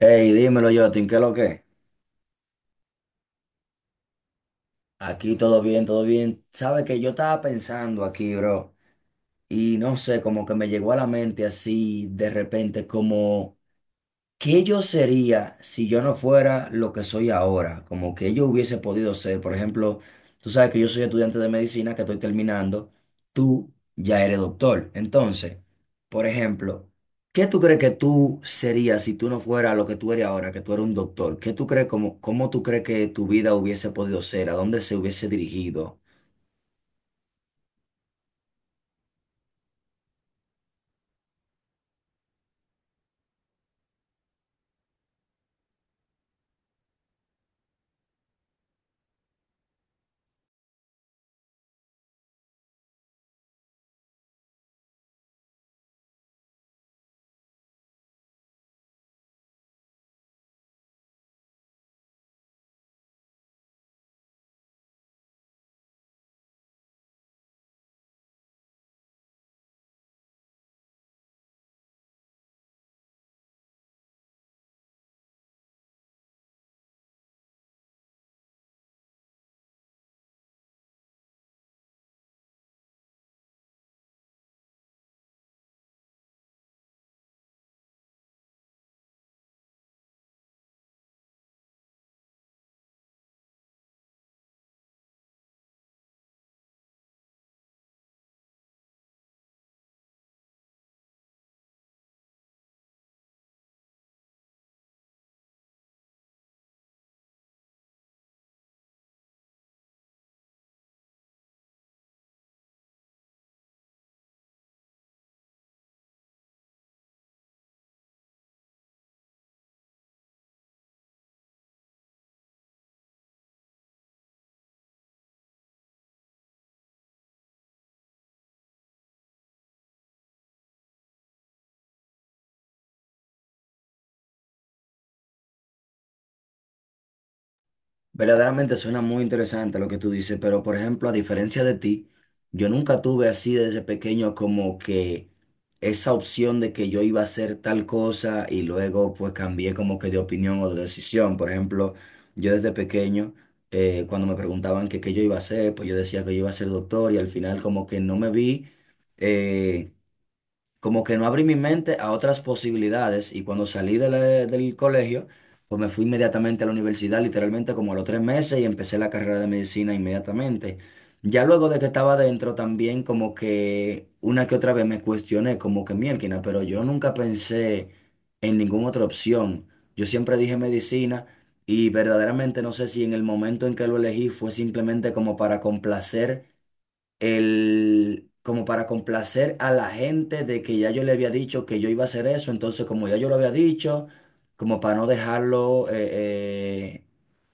Hey, dímelo, Jotin, ¿qué es lo que? Aquí todo bien, todo bien. Sabe que yo estaba pensando aquí, bro, y no sé, como que me llegó a la mente así de repente, como ¿qué yo sería si yo no fuera lo que soy ahora? Como que yo hubiese podido ser. Por ejemplo, tú sabes que yo soy estudiante de medicina que estoy terminando. Tú ya eres doctor. Entonces, por ejemplo, ¿qué tú crees que tú serías si tú no fueras lo que tú eres ahora, que tú eres un doctor? ¿Qué tú crees, cómo tú crees que tu vida hubiese podido ser? ¿A dónde se hubiese dirigido? Verdaderamente suena muy interesante lo que tú dices, pero por ejemplo, a diferencia de ti, yo nunca tuve así desde pequeño como que esa opción de que yo iba a hacer tal cosa y luego pues cambié como que de opinión o de decisión. Por ejemplo, yo desde pequeño, cuando me preguntaban que qué yo iba a hacer, pues yo decía que yo iba a ser doctor y al final como que no me vi. eh, Como que no abrí mi mente a otras posibilidades y cuando salí de del colegio, pues me fui inmediatamente a la universidad, literalmente como a los tres meses y empecé la carrera de medicina inmediatamente. Ya luego de que estaba dentro también como que una que otra vez me cuestioné como que miérquina, pero yo nunca pensé en ninguna otra opción. Yo siempre dije medicina y verdaderamente no sé si en el momento en que lo elegí fue simplemente como para complacer el, como para complacer a la gente de que ya yo le había dicho que yo iba a hacer eso, entonces como ya yo lo había dicho, como para no dejarlo, eh,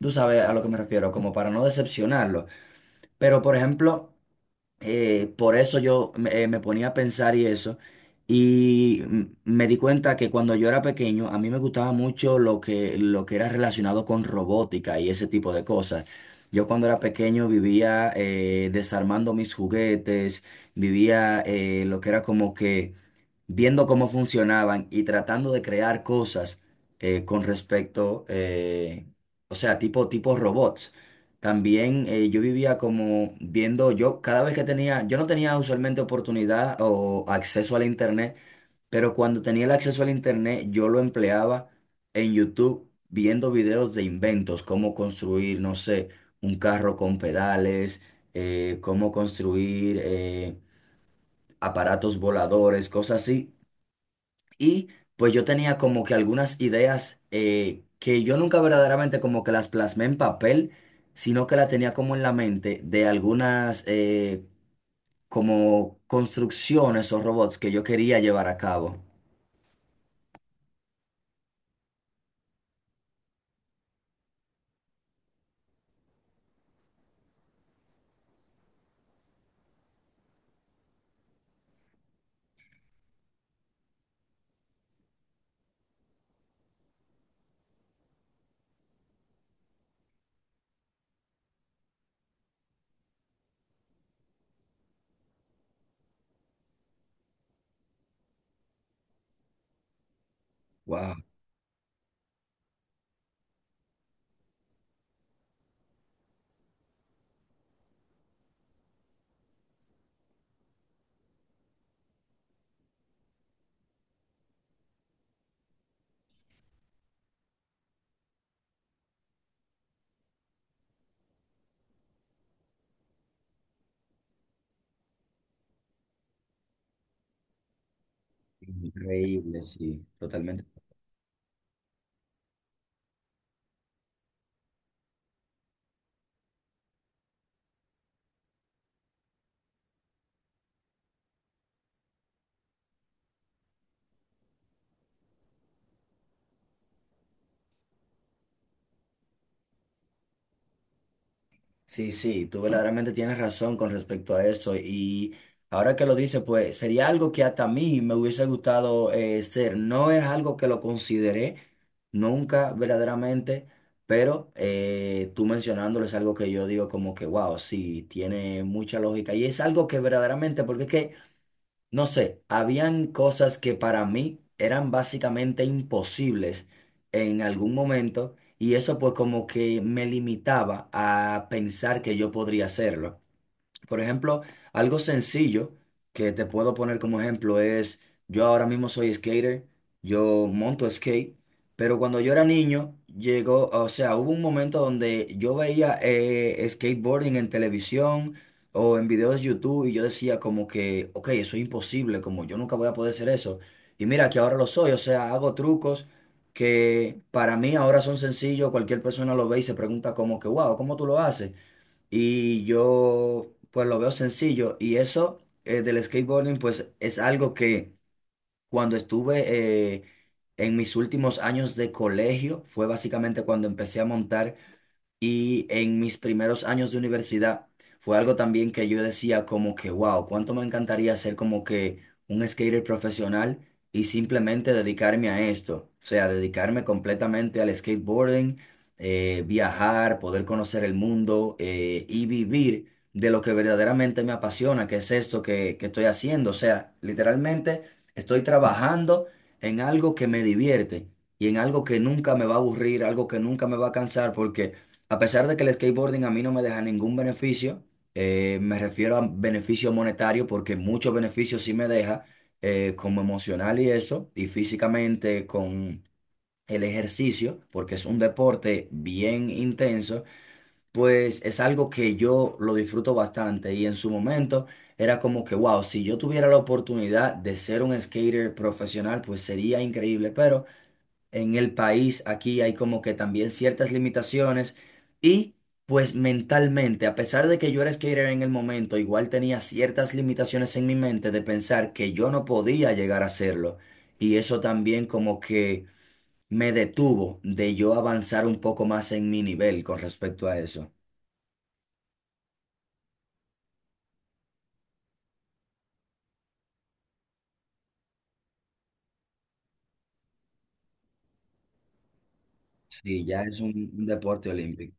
tú sabes a lo que me refiero, como para no decepcionarlo. Pero por ejemplo, por eso yo me, me ponía a pensar y eso, y me di cuenta que cuando yo era pequeño, a mí me gustaba mucho lo que era relacionado con robótica y ese tipo de cosas. Yo cuando era pequeño vivía desarmando mis juguetes, vivía lo que era como que viendo cómo funcionaban y tratando de crear cosas con respecto, o sea, tipo robots. También yo vivía como viendo, yo cada vez que tenía, yo no tenía usualmente oportunidad o acceso al internet, pero cuando tenía el acceso al internet yo lo empleaba en YouTube viendo videos de inventos, cómo construir, no sé, un carro con pedales, cómo construir... aparatos voladores, cosas así, y pues yo tenía como que algunas ideas que yo nunca verdaderamente como que las plasmé en papel, sino que la tenía como en la mente de algunas como construcciones o robots que yo quería llevar a cabo. Wow, increíble, sí, totalmente. Sí, sí, tú verdaderamente tienes razón con respecto a eso y ahora que lo dices, pues sería algo que hasta a mí me hubiese gustado ser. No es algo que lo consideré nunca verdaderamente, pero tú mencionándolo es algo que yo digo como que, wow, sí, tiene mucha lógica y es algo que verdaderamente, porque es que... No sé, habían cosas que para mí eran básicamente imposibles en algún momento y eso pues como que me limitaba a pensar que yo podría hacerlo. Por ejemplo, algo sencillo que te puedo poner como ejemplo es, yo ahora mismo soy skater, yo monto skate, pero cuando yo era niño, llegó, o sea, hubo un momento donde yo veía skateboarding en televisión o en videos de YouTube y yo decía como que, ok, eso es imposible, como yo nunca voy a poder hacer eso. Y mira que ahora lo soy, o sea, hago trucos que para mí ahora son sencillos, cualquier persona lo ve y se pregunta como que, wow, ¿cómo tú lo haces? Y yo pues lo veo sencillo y eso, del skateboarding pues es algo que cuando estuve eh, en mis últimos años de colegio fue básicamente cuando empecé a montar, y en mis primeros años de universidad fue algo también que yo decía como que, wow, cuánto me encantaría ser como que un skater profesional y simplemente dedicarme a esto. O sea, dedicarme completamente al skateboarding, viajar, poder conocer el mundo y vivir de lo que verdaderamente me apasiona, que es esto que estoy haciendo. O sea, literalmente estoy trabajando en algo que me divierte y en algo que nunca me va a aburrir, algo que nunca me va a cansar, porque... A pesar de que el skateboarding a mí no me deja ningún beneficio, me refiero a beneficio monetario porque muchos beneficios sí me deja, como emocional y eso, y físicamente con el ejercicio, porque es un deporte bien intenso, pues es algo que yo lo disfruto bastante y en su momento era como que, wow, si yo tuviera la oportunidad de ser un skater profesional, pues sería increíble, pero en el país, aquí hay como que también ciertas limitaciones y pues mentalmente, a pesar de que yo era skater en el momento, igual tenía ciertas limitaciones en mi mente de pensar que yo no podía llegar a hacerlo y eso también como que me detuvo de yo avanzar un poco más en mi nivel con respecto a eso. Sí, ya es un deporte olímpico.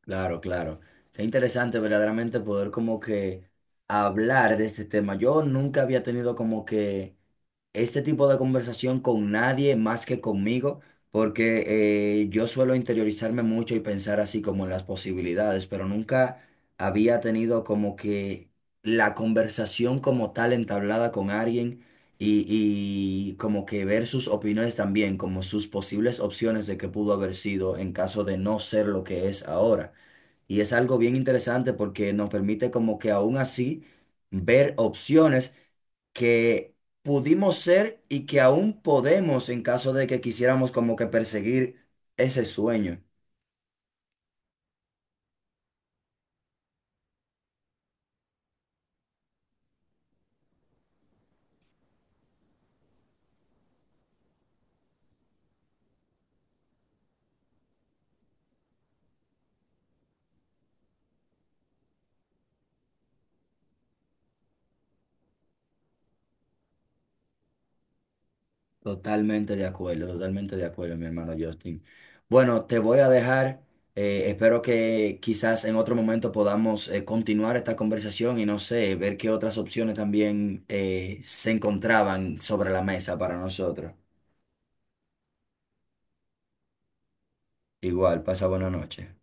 Claro, claro. Qué interesante verdaderamente poder como que hablar de este tema. Yo nunca había tenido como que este tipo de conversación con nadie más que conmigo, porque yo suelo interiorizarme mucho y pensar así como en las posibilidades, pero nunca había tenido como que la conversación como tal entablada con alguien y como que ver sus opiniones también, como sus posibles opciones de qué pudo haber sido en caso de no ser lo que es ahora. Y es algo bien interesante porque nos permite como que aún así ver opciones que pudimos ser y que aún podemos en caso de que quisiéramos como que perseguir ese sueño. Totalmente de acuerdo, mi hermano Justin. Bueno, te voy a dejar. Espero que quizás en otro momento podamos continuar esta conversación y no sé, ver qué otras opciones también se encontraban sobre la mesa para nosotros. Igual, pasa buena noche.